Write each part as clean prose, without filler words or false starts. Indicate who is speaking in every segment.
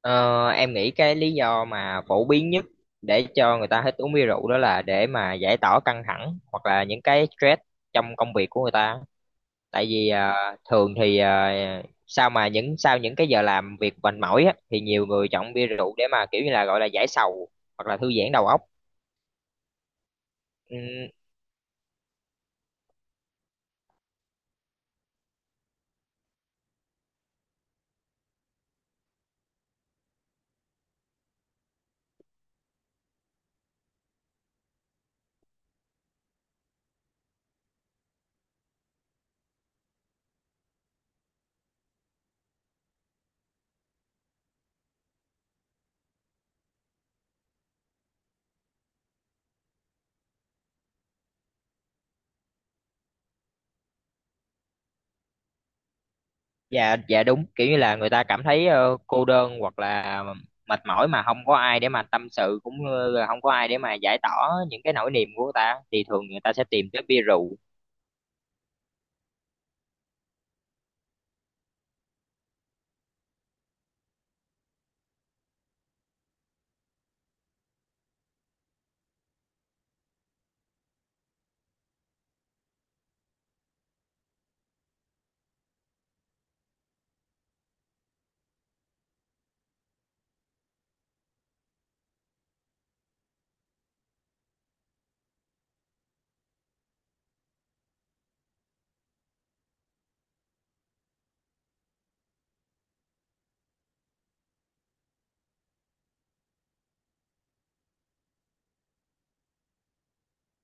Speaker 1: Ờ, em nghĩ cái lý do mà phổ biến nhất để cho người ta hết uống bia rượu đó là để mà giải tỏa căng thẳng hoặc là những cái stress trong công việc của người ta. Tại vì thường thì sao mà những sau những cái giờ làm việc mệt mỏi á, thì nhiều người chọn bia rượu để mà kiểu như là gọi là giải sầu hoặc là thư giãn đầu óc. Ừ, dạ dạ đúng, kiểu như là người ta cảm thấy cô đơn hoặc là mệt mỏi mà không có ai để mà tâm sự cũng như là không có ai để mà giải tỏa những cái nỗi niềm của người ta thì thường người ta sẽ tìm tới bia rượu.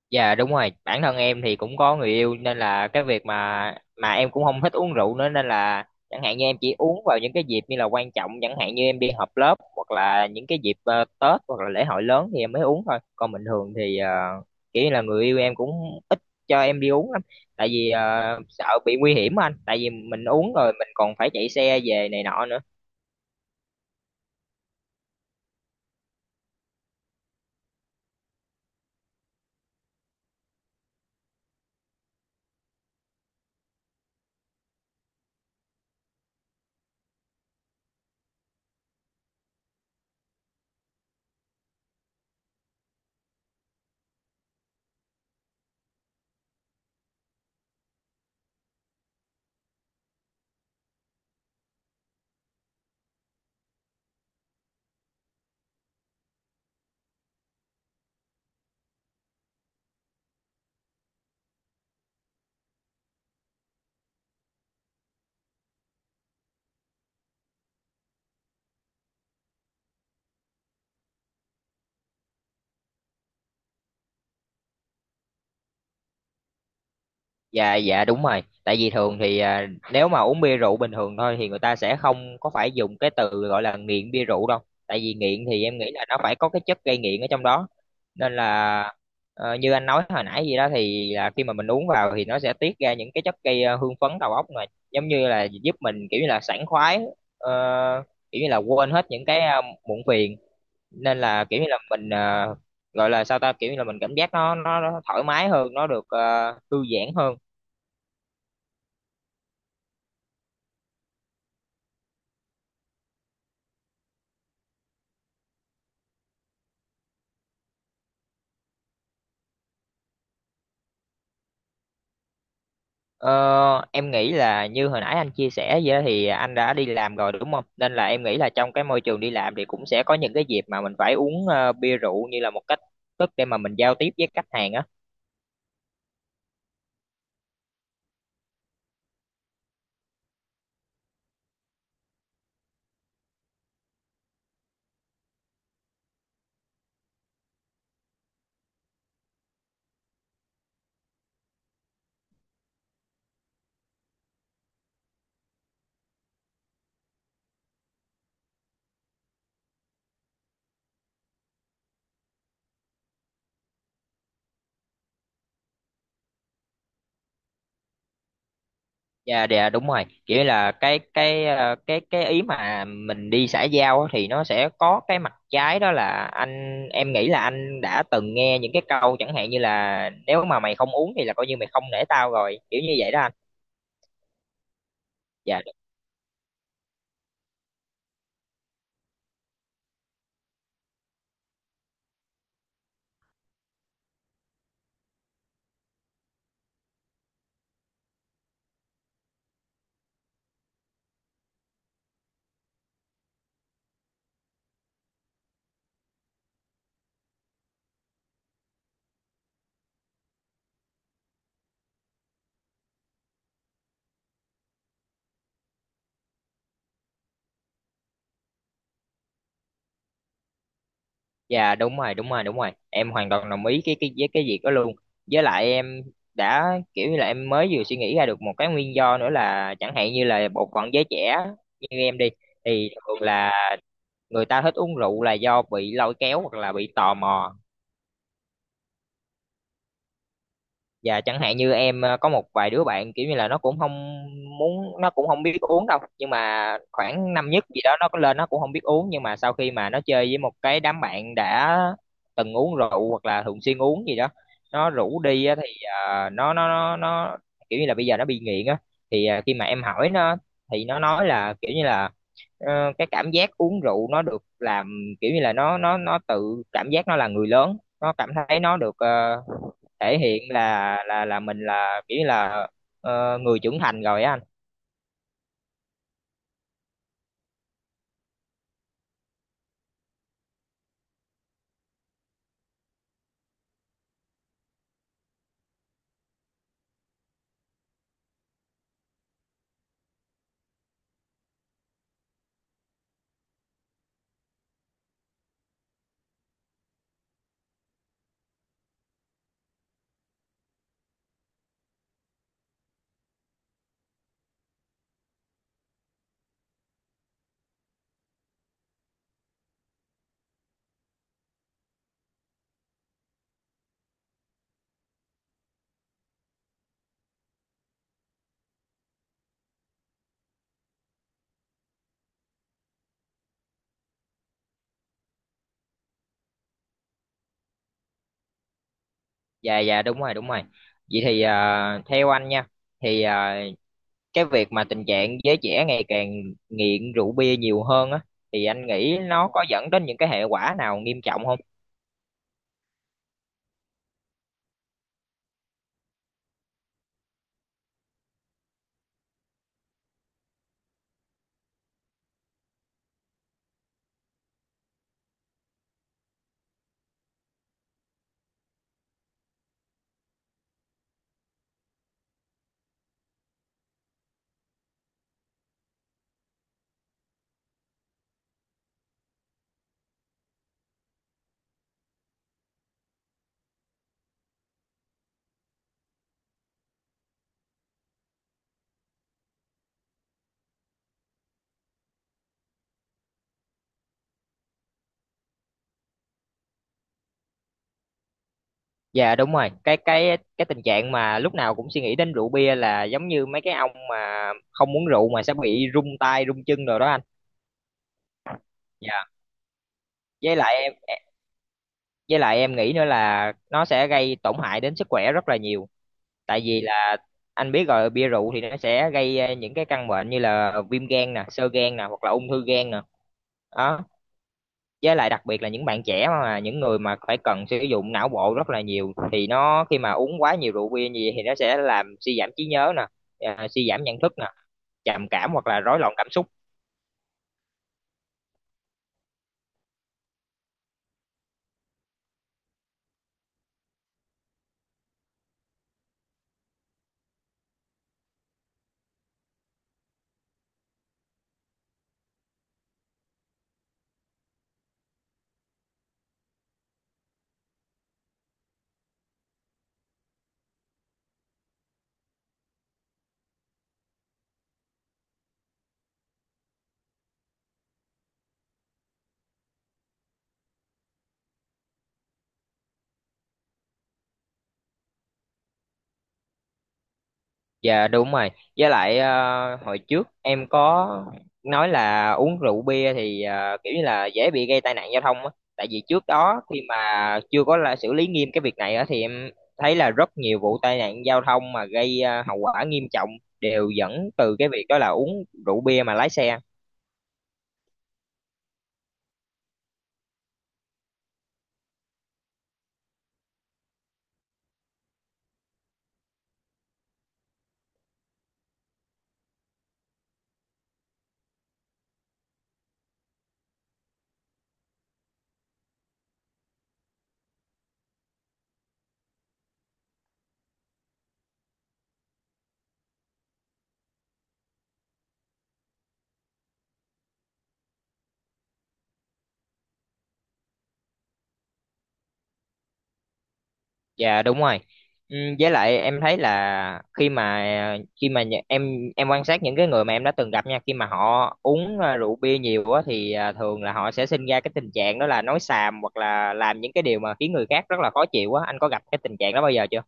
Speaker 1: Dạ đúng rồi, bản thân em thì cũng có người yêu nên là cái việc mà em cũng không thích uống rượu nữa, nên là chẳng hạn như em chỉ uống vào những cái dịp như là quan trọng, chẳng hạn như em đi họp lớp hoặc là những cái dịp Tết hoặc là lễ hội lớn thì em mới uống thôi. Còn bình thường thì kiểu như là người yêu em cũng ít cho em đi uống lắm, tại vì sợ bị nguy hiểm anh, tại vì mình uống rồi mình còn phải chạy xe về này nọ nữa. Dạ dạ đúng rồi, tại vì thường thì à, nếu mà uống bia rượu bình thường thôi thì người ta sẽ không có phải dùng cái từ gọi là nghiện bia rượu đâu, tại vì nghiện thì em nghĩ là nó phải có cái chất gây nghiện ở trong đó. Nên là như anh nói hồi nãy gì đó thì là khi mà mình uống vào thì nó sẽ tiết ra những cái chất gây hưng phấn đầu óc, mà giống như là giúp mình kiểu như là sảng khoái, ờ, kiểu như là quên hết những cái muộn phiền, nên là kiểu như là mình gọi là sao ta, kiểu như là mình cảm giác nó thoải mái hơn, nó được thư giãn hơn. Ờ, em nghĩ là như hồi nãy anh chia sẻ vậy thì anh đã đi làm rồi đúng không? Nên là em nghĩ là trong cái môi trường đi làm thì cũng sẽ có những cái dịp mà mình phải uống bia rượu như là một cách thức để mà mình giao tiếp với khách hàng á. Dạ dạ, đúng rồi. Kiểu như là cái ờ, cái ý mà mình đi xã giao á thì nó sẽ có cái mặt trái, đó là anh em nghĩ là anh đã từng nghe những cái câu chẳng hạn như là nếu mà mày không uống thì là coi như mày không nể tao rồi, kiểu như vậy đó anh. Dạ. Dạ đúng rồi đúng rồi đúng rồi, em hoàn toàn đồng ý cái với cái việc đó luôn. Với lại em đã kiểu như là em mới vừa suy nghĩ ra được một cái nguyên do nữa, là chẳng hạn như là bộ phận giới trẻ như em đi, thì thường là người ta thích uống rượu là do bị lôi kéo hoặc là bị tò mò. Và chẳng hạn như em có một vài đứa bạn kiểu như là nó cũng không muốn, nó cũng không biết uống đâu, nhưng mà khoảng năm nhất gì đó nó có lên, nó cũng không biết uống, nhưng mà sau khi mà nó chơi với một cái đám bạn đã từng uống rượu hoặc là thường xuyên uống gì đó, nó rủ đi á, thì nó kiểu như là bây giờ nó bị nghiện á. Thì khi mà em hỏi nó thì nó nói là kiểu như là cái cảm giác uống rượu nó được làm kiểu như là nó tự cảm giác nó là người lớn, nó cảm thấy nó được thể hiện là mình là kiểu như là người trưởng thành rồi á anh. Dạ dạ đúng rồi đúng rồi. Vậy thì theo anh nha, thì cái việc mà tình trạng giới trẻ ngày càng nghiện rượu bia nhiều hơn á, thì anh nghĩ nó có dẫn đến những cái hệ quả nào nghiêm trọng không? Dạ đúng rồi, cái tình trạng mà lúc nào cũng suy nghĩ đến rượu bia là giống như mấy cái ông mà không uống rượu mà sẽ bị rung tay rung chân rồi đó anh. Dạ, với lại em với lại em nghĩ nữa là nó sẽ gây tổn hại đến sức khỏe rất là nhiều, tại vì là anh biết rồi, bia rượu thì nó sẽ gây những cái căn bệnh như là viêm gan nè, xơ gan nè, hoặc là ung thư gan nè đó. Với lại đặc biệt là những bạn trẻ mà những người mà phải cần sử dụng não bộ rất là nhiều, thì nó khi mà uống quá nhiều rượu bia như vậy thì nó sẽ làm suy giảm trí nhớ nè, à, suy giảm nhận thức nè, trầm cảm hoặc là rối loạn cảm xúc. Dạ đúng rồi. Với lại hồi trước em có nói là uống rượu bia thì kiểu như là dễ bị gây tai nạn giao thông á. Tại vì trước đó khi mà chưa có là xử lý nghiêm cái việc này á, thì em thấy là rất nhiều vụ tai nạn giao thông mà gây hậu quả nghiêm trọng đều dẫn từ cái việc đó là uống rượu bia mà lái xe. Dạ đúng rồi. Ừ, với lại em thấy là em quan sát những cái người mà em đã từng gặp nha, khi mà họ uống à, rượu bia nhiều á thì à, thường là họ sẽ sinh ra cái tình trạng đó là nói xàm hoặc là làm những cái điều mà khiến người khác rất là khó chịu á. Anh có gặp cái tình trạng đó bao giờ chưa?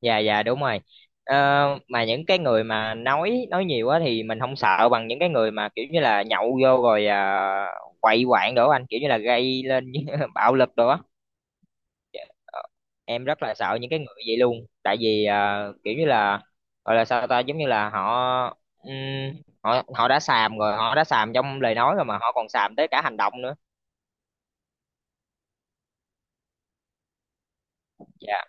Speaker 1: Dạ dạ đúng rồi. Ờ, mà những cái người mà nói nhiều á thì mình không sợ bằng những cái người mà kiểu như là nhậu vô rồi à, quậy quạng đồ á anh, kiểu như là gây lên bạo lực đồ á. Dạ, ờ, em rất là sợ những cái người vậy luôn, tại vì kiểu như là gọi là sao ta, giống như là họ ừm, họ họ đã xàm rồi, họ đã xàm trong lời nói rồi mà họ còn xàm tới cả hành động nữa. dạ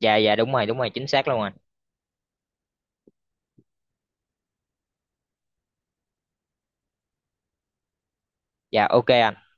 Speaker 1: dạ dạ đúng rồi đúng rồi, chính xác luôn rồi. Dạ, ok ạ.